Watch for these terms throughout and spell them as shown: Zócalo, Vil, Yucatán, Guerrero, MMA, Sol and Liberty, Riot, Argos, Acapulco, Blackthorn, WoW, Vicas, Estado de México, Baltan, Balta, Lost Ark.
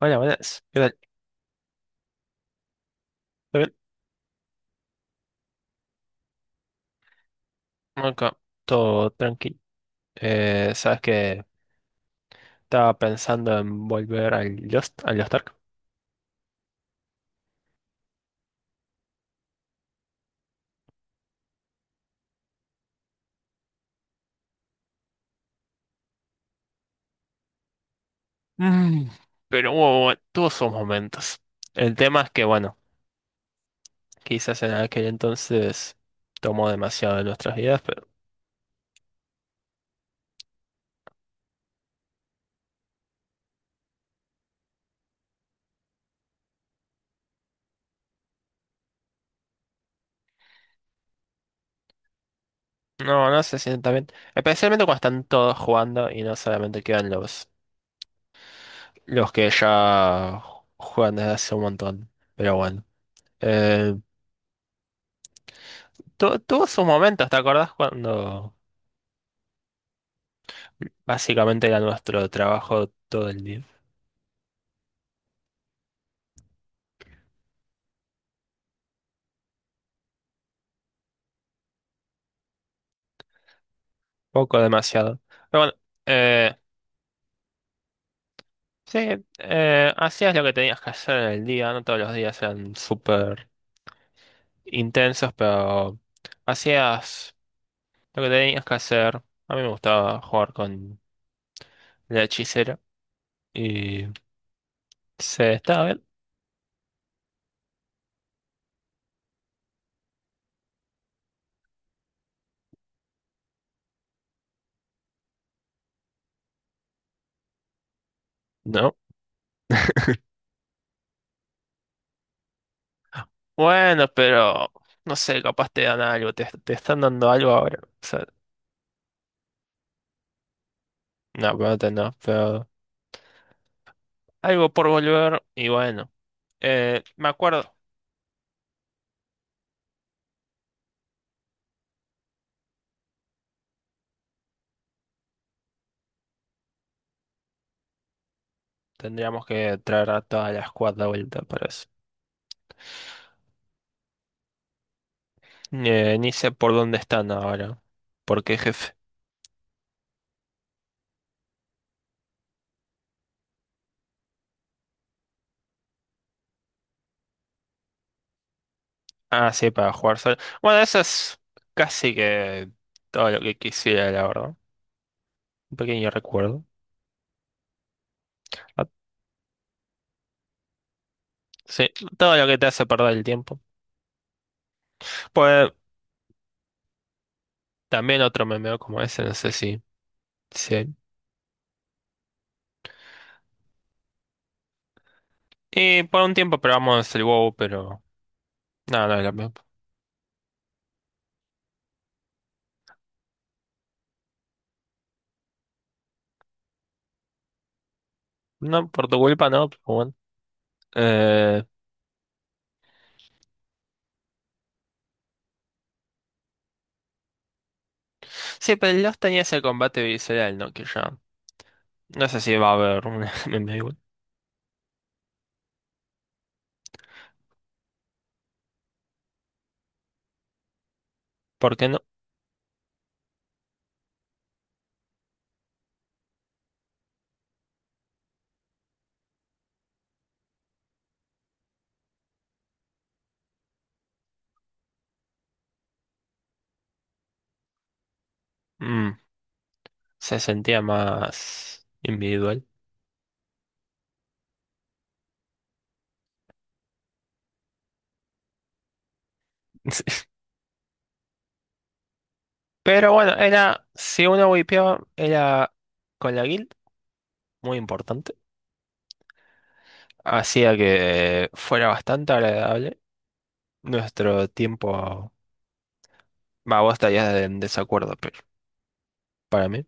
Buenas, buenas. ¿Qué tal? ¿Todo bien? Acá, todo tranqui. Sabes que estaba pensando en volver al Lost Ark. Mm, Pero tuvo sus momentos. El tema es que, bueno, quizás en aquel entonces tomó demasiado de nuestras vidas, pero no, no se siente bien. Especialmente cuando están todos jugando y no solamente quedan los que ya juegan desde hace un montón. Pero bueno, eh, tuvo sus momentos, ¿te acordás cuando? Básicamente era nuestro trabajo todo el día. Poco demasiado. Pero bueno, eh, sí, hacías lo que tenías que hacer en el día. No todos los días eran súper intensos, pero hacías lo que tenías que hacer. A mí me gustaba jugar con la hechicera. Y se estaba bien. No. Bueno, pero no sé, capaz te dan algo. Te están dando algo ahora. O sea, no, pero no, no, pero algo por volver. Y bueno, me acuerdo. Tendríamos que traer a toda la squad de vuelta para eso. Ni sé por dónde están ahora. ¿Por qué jefe? Ah, sí, para jugar solo. Bueno, eso es casi que todo lo que quisiera, la verdad. Un pequeño recuerdo. Ah, sí, todo lo que te hace perder el tiempo. Pues también otro memeo como ese, no sé si. Sí. Y por un tiempo probamos el WoW, pero no, no es lo mismo. No, por tu culpa no, pero bueno. Eh, sí, pero los tenías, el combate visceral, ¿no? Que ya. No sé si va a haber un MMA igual. ¿Por qué no? Mm, se sentía más individual. Pero bueno, era, si uno wipeaba, era con la guild, muy importante. Hacía que fuera bastante agradable nuestro tiempo. Va, vos estarías en desacuerdo, pero para mí.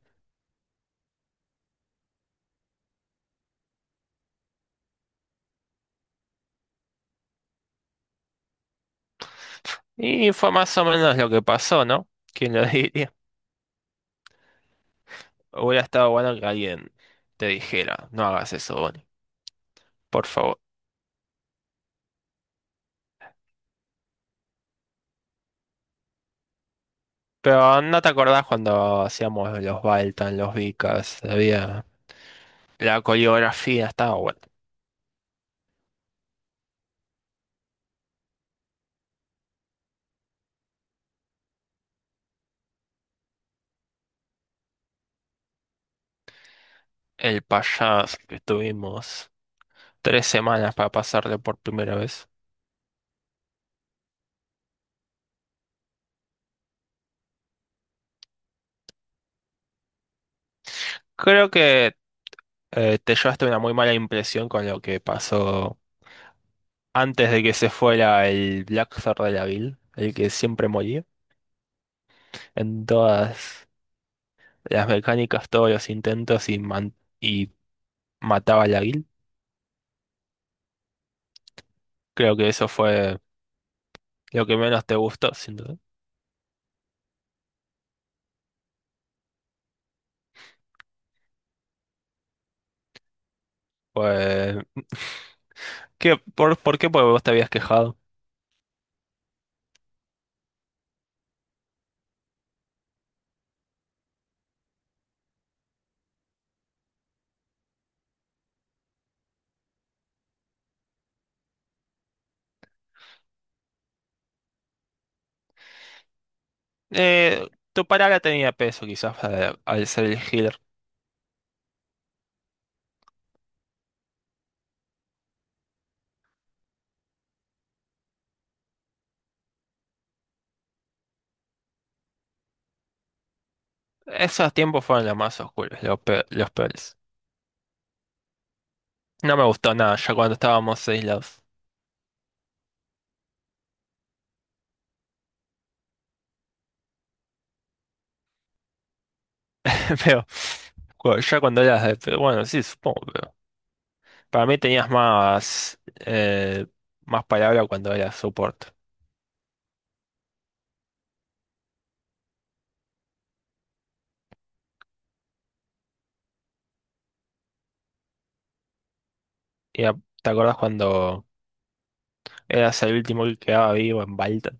Y fue más o menos lo que pasó, ¿no? ¿Quién lo diría? Hubiera estado bueno que alguien te dijera, no hagas eso, Bonnie, por favor. Pero no te acordás cuando hacíamos los Baltan, los Vicas, había la coreografía, estaba bueno. El payaso que estuvimos tres semanas para pasarlo por primera vez. Creo que te llevaste una muy mala impresión con lo que pasó antes de que se fuera el Black Blackthorn de la Vil, el que siempre moría. En todas las mecánicas, todos los intentos y mataba a la Vil. Creo que eso fue lo que menos te gustó, sin duda. Fue, ¿qué, por qué? Porque vos te habías quejado. Eh, Tu palabra tenía peso, quizás, al ser el healer. Esos tiempos fueron los más oscuros, los peores. No me gustó nada ya cuando estábamos aislados. Pero ya cuando eras de... pero bueno, sí, supongo, pero... Para mí tenías más... eh, más palabra cuando eras soporte. Y a- ¿Te acordás cuando eras el último que quedaba vivo en Balta?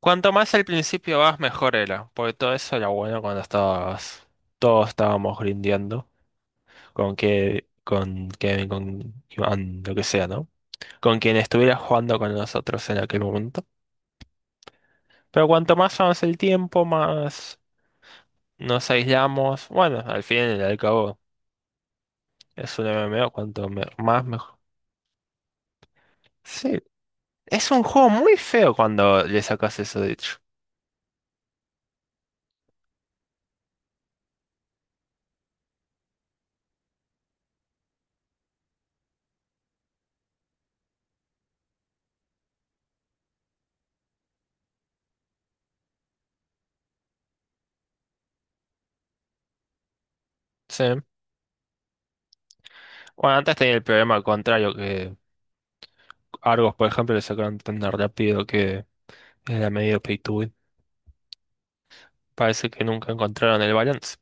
Cuanto más al principio vas, mejor era, porque todo eso era bueno cuando estabas, todos estábamos grindeando, con Iván, lo que sea, ¿no? Con quien estuviera jugando con nosotros en aquel momento. Pero cuanto más avanza el tiempo, más nos aislamos. Bueno, al fin y al cabo, es un MMO, más mejor. Sí, es un juego muy feo cuando le sacas eso, de hecho. Sí. Bueno, antes tenía el problema contrario, que Argos, por ejemplo, le sacaron tan rápido que era medio pay to win. Parece que nunca encontraron el balance.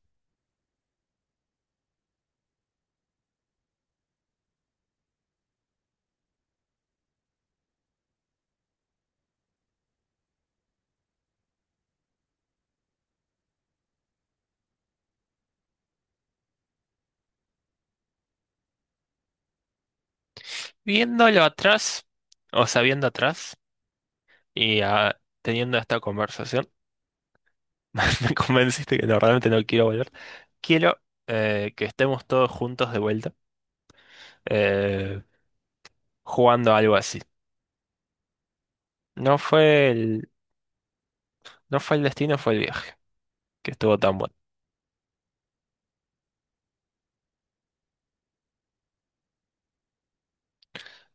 Viéndolo atrás, o sabiendo atrás, y ah, teniendo esta conversación, me convenciste que no, realmente no quiero volver. Quiero que estemos todos juntos de vuelta, eh, jugando algo así. No fue el, no fue el destino, fue el viaje, que estuvo tan bueno.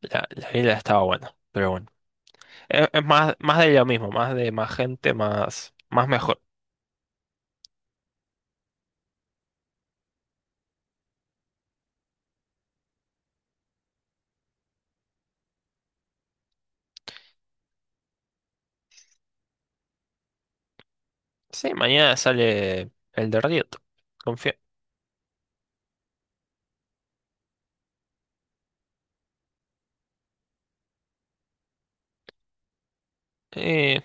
La isla estaba buena, pero bueno. Es más, más de lo mismo, más gente, más mejor. Sí, mañana sale el de Riot, confío. Eh,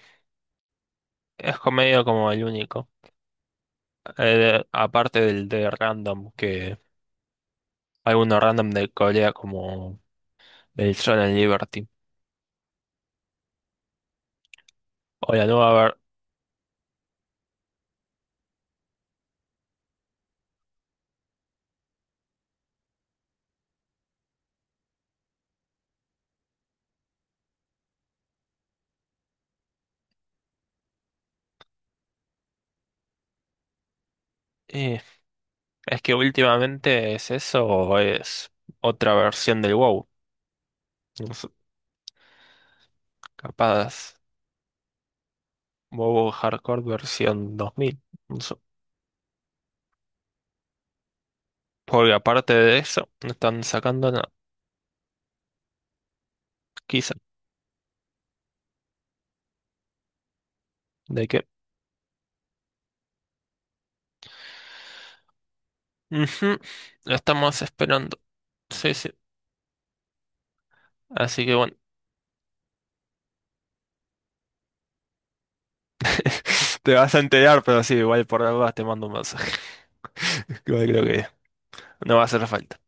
Es comedia como el único. Aparte del de Random, que hay uno random de Corea como el Sol and Liberty. O la nueva ver... eh, es que últimamente es eso o es otra versión del WoW. No sé, capaz WoW Hardcore versión 2000. No sé. Porque aparte de eso, no están sacando nada. Quizá. ¿De qué? Ujú, lo estamos esperando. Sí, sí. Así que bueno, te vas a enterar, pero sí, igual por algo te mando un mensaje. Creo que no va a hacer falta.